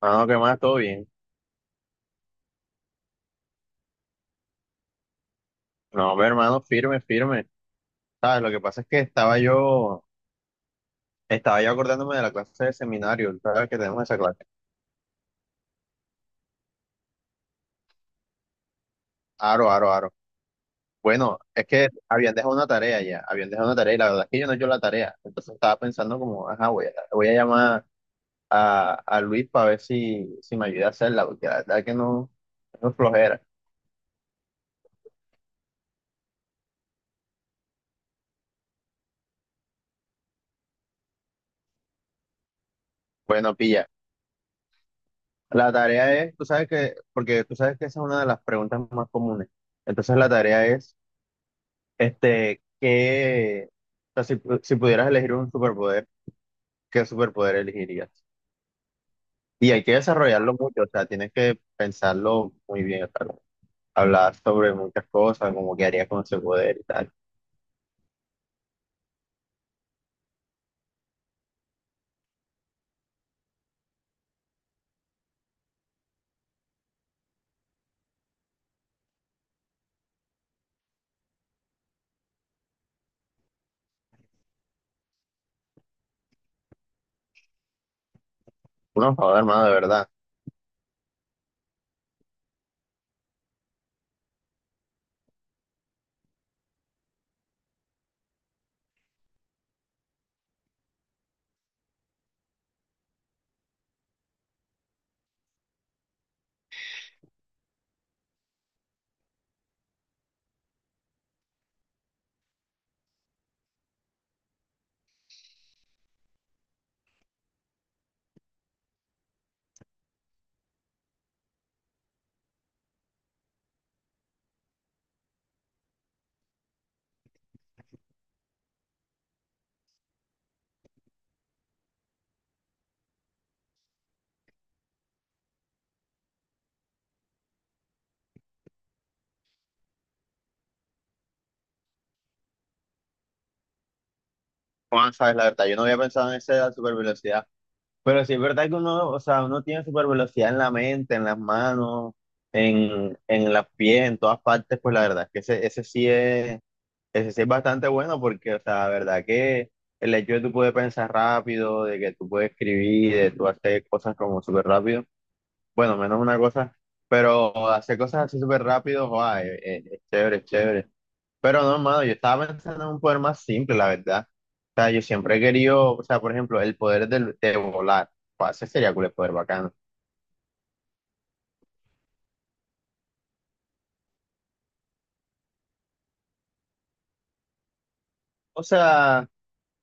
Mano, ¿qué más? ¿Todo bien? No, pero, hermano, firme, firme. ¿Sabes? Lo que pasa es que estaba yo acordándome de la clase de seminario, ¿sabes? Que tenemos esa clase. Aro, aro, aro. Bueno, es que habían dejado una tarea y la verdad es que yo no he hecho la tarea. Entonces estaba pensando como, ajá, voy a llamar a Luis para ver si me ayuda a hacerla, porque la verdad es que no, no es flojera. Bueno, pilla. La tarea es, tú sabes que, porque tú sabes que esa es una de las preguntas más comunes. Entonces la tarea es que, o sea, si pudieras elegir un superpoder, ¿qué superpoder elegirías? Y hay que desarrollarlo mucho, o sea, tienes que pensarlo muy bien, o sea, hablar sobre muchas cosas, como qué harías con ese poder y tal. Uno, joder, hermano, de verdad. Juan, sabes, la verdad, yo no había pensado en esa super velocidad, pero sí es verdad que uno, o sea, uno tiene super velocidad en la mente, en las manos, en las pies, en todas partes, pues la verdad es que ese sí es. Ese sí es bastante bueno porque, o sea, la verdad que el hecho de tú poder pensar rápido, de que tú puedes escribir, de tú hacer cosas como súper rápido, bueno, menos una cosa, pero hacer cosas así súper rápido, joa, es chévere, es chévere. Pero no, mano, yo estaba pensando en un poder más simple, la verdad. O sea, yo siempre he querido, o sea, por ejemplo, de volar, joa, ese sería cool, el poder bacano. O sea,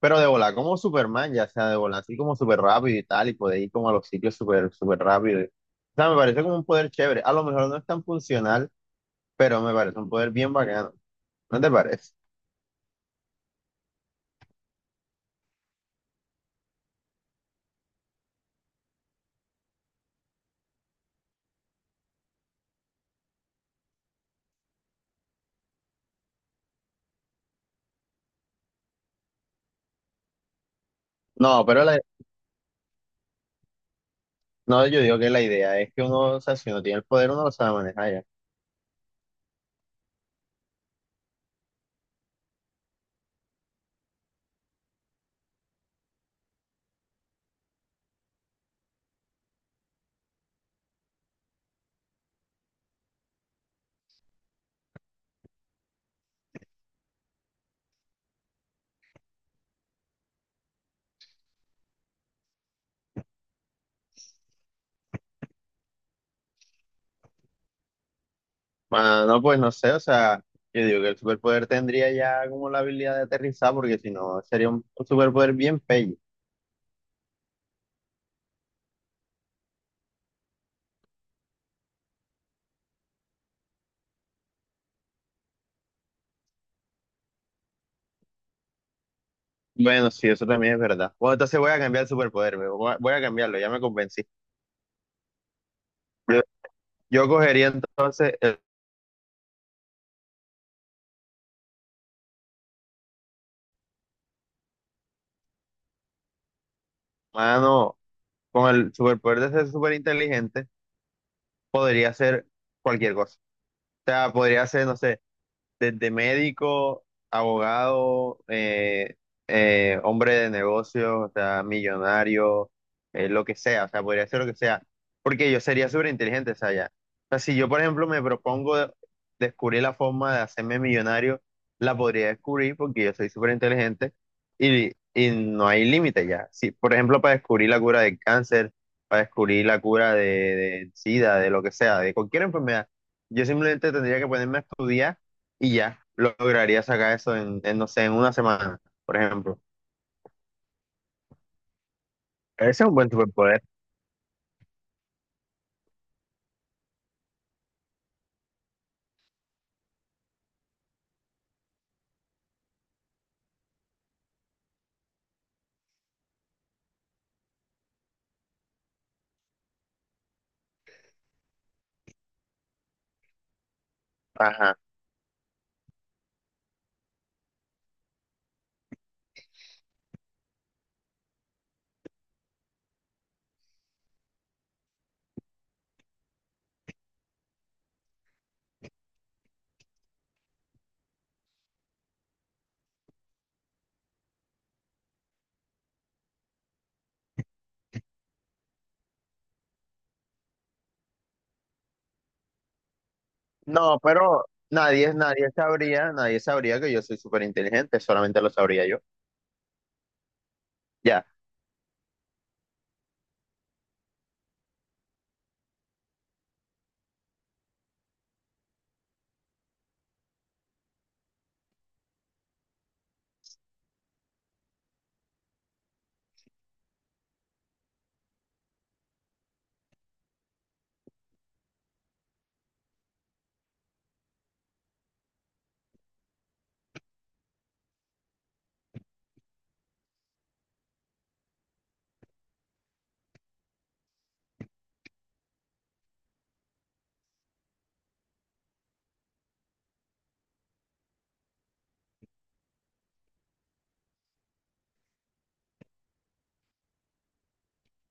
pero de volar como Superman, ya sea de volar así como súper rápido y tal, y poder ir como a los sitios súper, súper rápido. O sea, me parece como un poder chévere. A lo mejor no es tan funcional, pero me parece un poder bien bacano. ¿No te parece? No, pero la- no, yo digo que la idea es que uno, o sea, si uno tiene el poder, uno lo sabe manejar ya. Ah, no, pues no sé, o sea, yo digo que el superpoder tendría ya como la habilidad de aterrizar, porque si no, sería un superpoder bien pello. Bueno, sí, eso también es verdad. Bueno, entonces voy a cambiar el superpoder, me voy a voy a cambiarlo, ya me convencí. Yo cogería entonces el humano con el superpoder de ser súper inteligente, podría hacer cualquier cosa. O sea, podría hacer, no sé, desde médico, abogado, hombre de negocios, o sea, millonario, lo que sea, o sea, podría ser lo que sea, porque yo sería súper inteligente, o sea, ya. O sea, si yo, por ejemplo, descubrir la forma de hacerme millonario, la podría descubrir porque yo soy súper inteligente y no hay límite ya. Si, por ejemplo, para descubrir la cura del cáncer, para descubrir la cura de SIDA, de lo que sea, de cualquier enfermedad, yo simplemente tendría que ponerme a estudiar y ya lograría sacar eso no sé, en una semana, por ejemplo. Ese es un buen superpoder. Ajá. No, pero nadie sabría que yo soy súper inteligente, solamente lo sabría yo. Ya.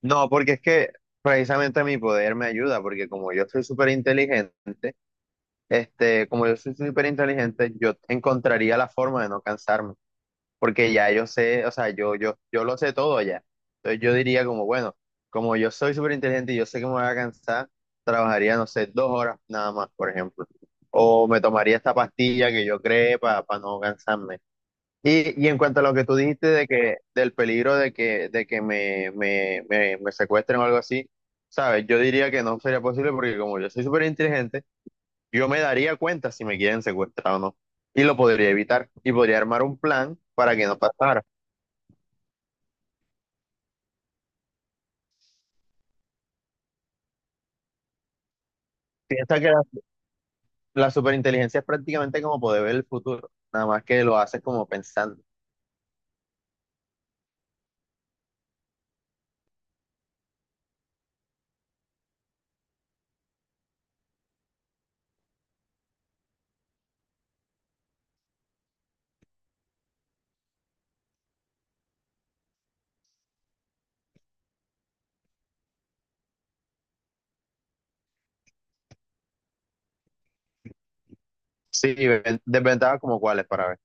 No, porque es que precisamente mi poder me ayuda, porque como yo soy súper inteligente, como yo soy súper inteligente, yo encontraría la forma de no cansarme, porque ya yo sé, o sea, yo lo sé todo ya. Entonces yo diría como, bueno, como yo soy súper inteligente y yo sé que me voy a cansar, trabajaría, no sé, 2 horas nada más, por ejemplo. O me tomaría esta pastilla que yo creé para no cansarme. Y en cuanto a lo que tú dijiste de que, del peligro de que me secuestren o algo así, ¿sabes? Yo diría que no sería posible porque como yo soy súper inteligente, yo me daría cuenta si me quieren secuestrar o no. Y lo podría evitar. Y podría armar un plan para que no pasara. Piensa que la superinteligencia es prácticamente como poder ver el futuro, nada más que lo haces como pensando. Sí, ven- desventajas como cuáles para ver.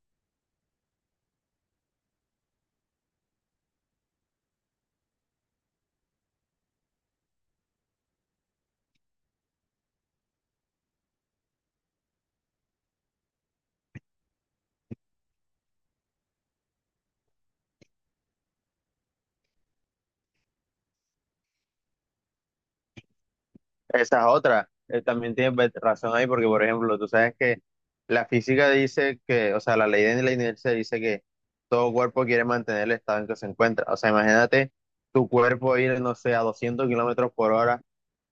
Esas otras, también tienes ve- razón ahí, porque por ejemplo, tú sabes que la física dice que, o sea, la ley de la inercia dice que todo cuerpo quiere mantener el estado en que se encuentra. O sea, imagínate tu cuerpo ir, no sé, a 200 km/h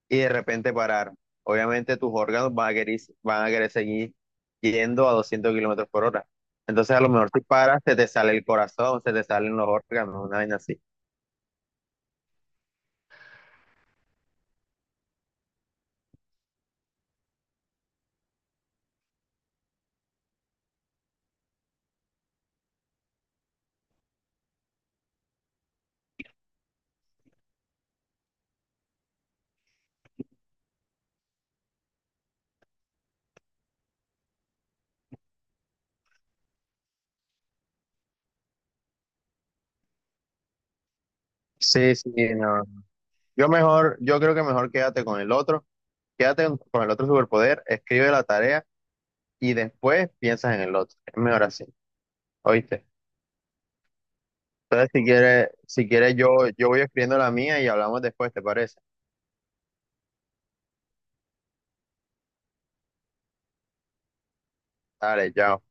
y de repente parar. Obviamente tus órganos van a querer seguir yendo a 200 km/h. Entonces a lo mejor si paras, se te sale el corazón, se te salen los órganos, una vaina así. Sí, sí, no. Yo mejor, yo creo que mejor quédate con el otro, quédate con el otro superpoder, escribe la tarea y después piensas en el otro. Es mejor así, ¿oíste? Entonces si quieres yo, yo voy escribiendo la mía y hablamos después, ¿te parece? Dale, chao.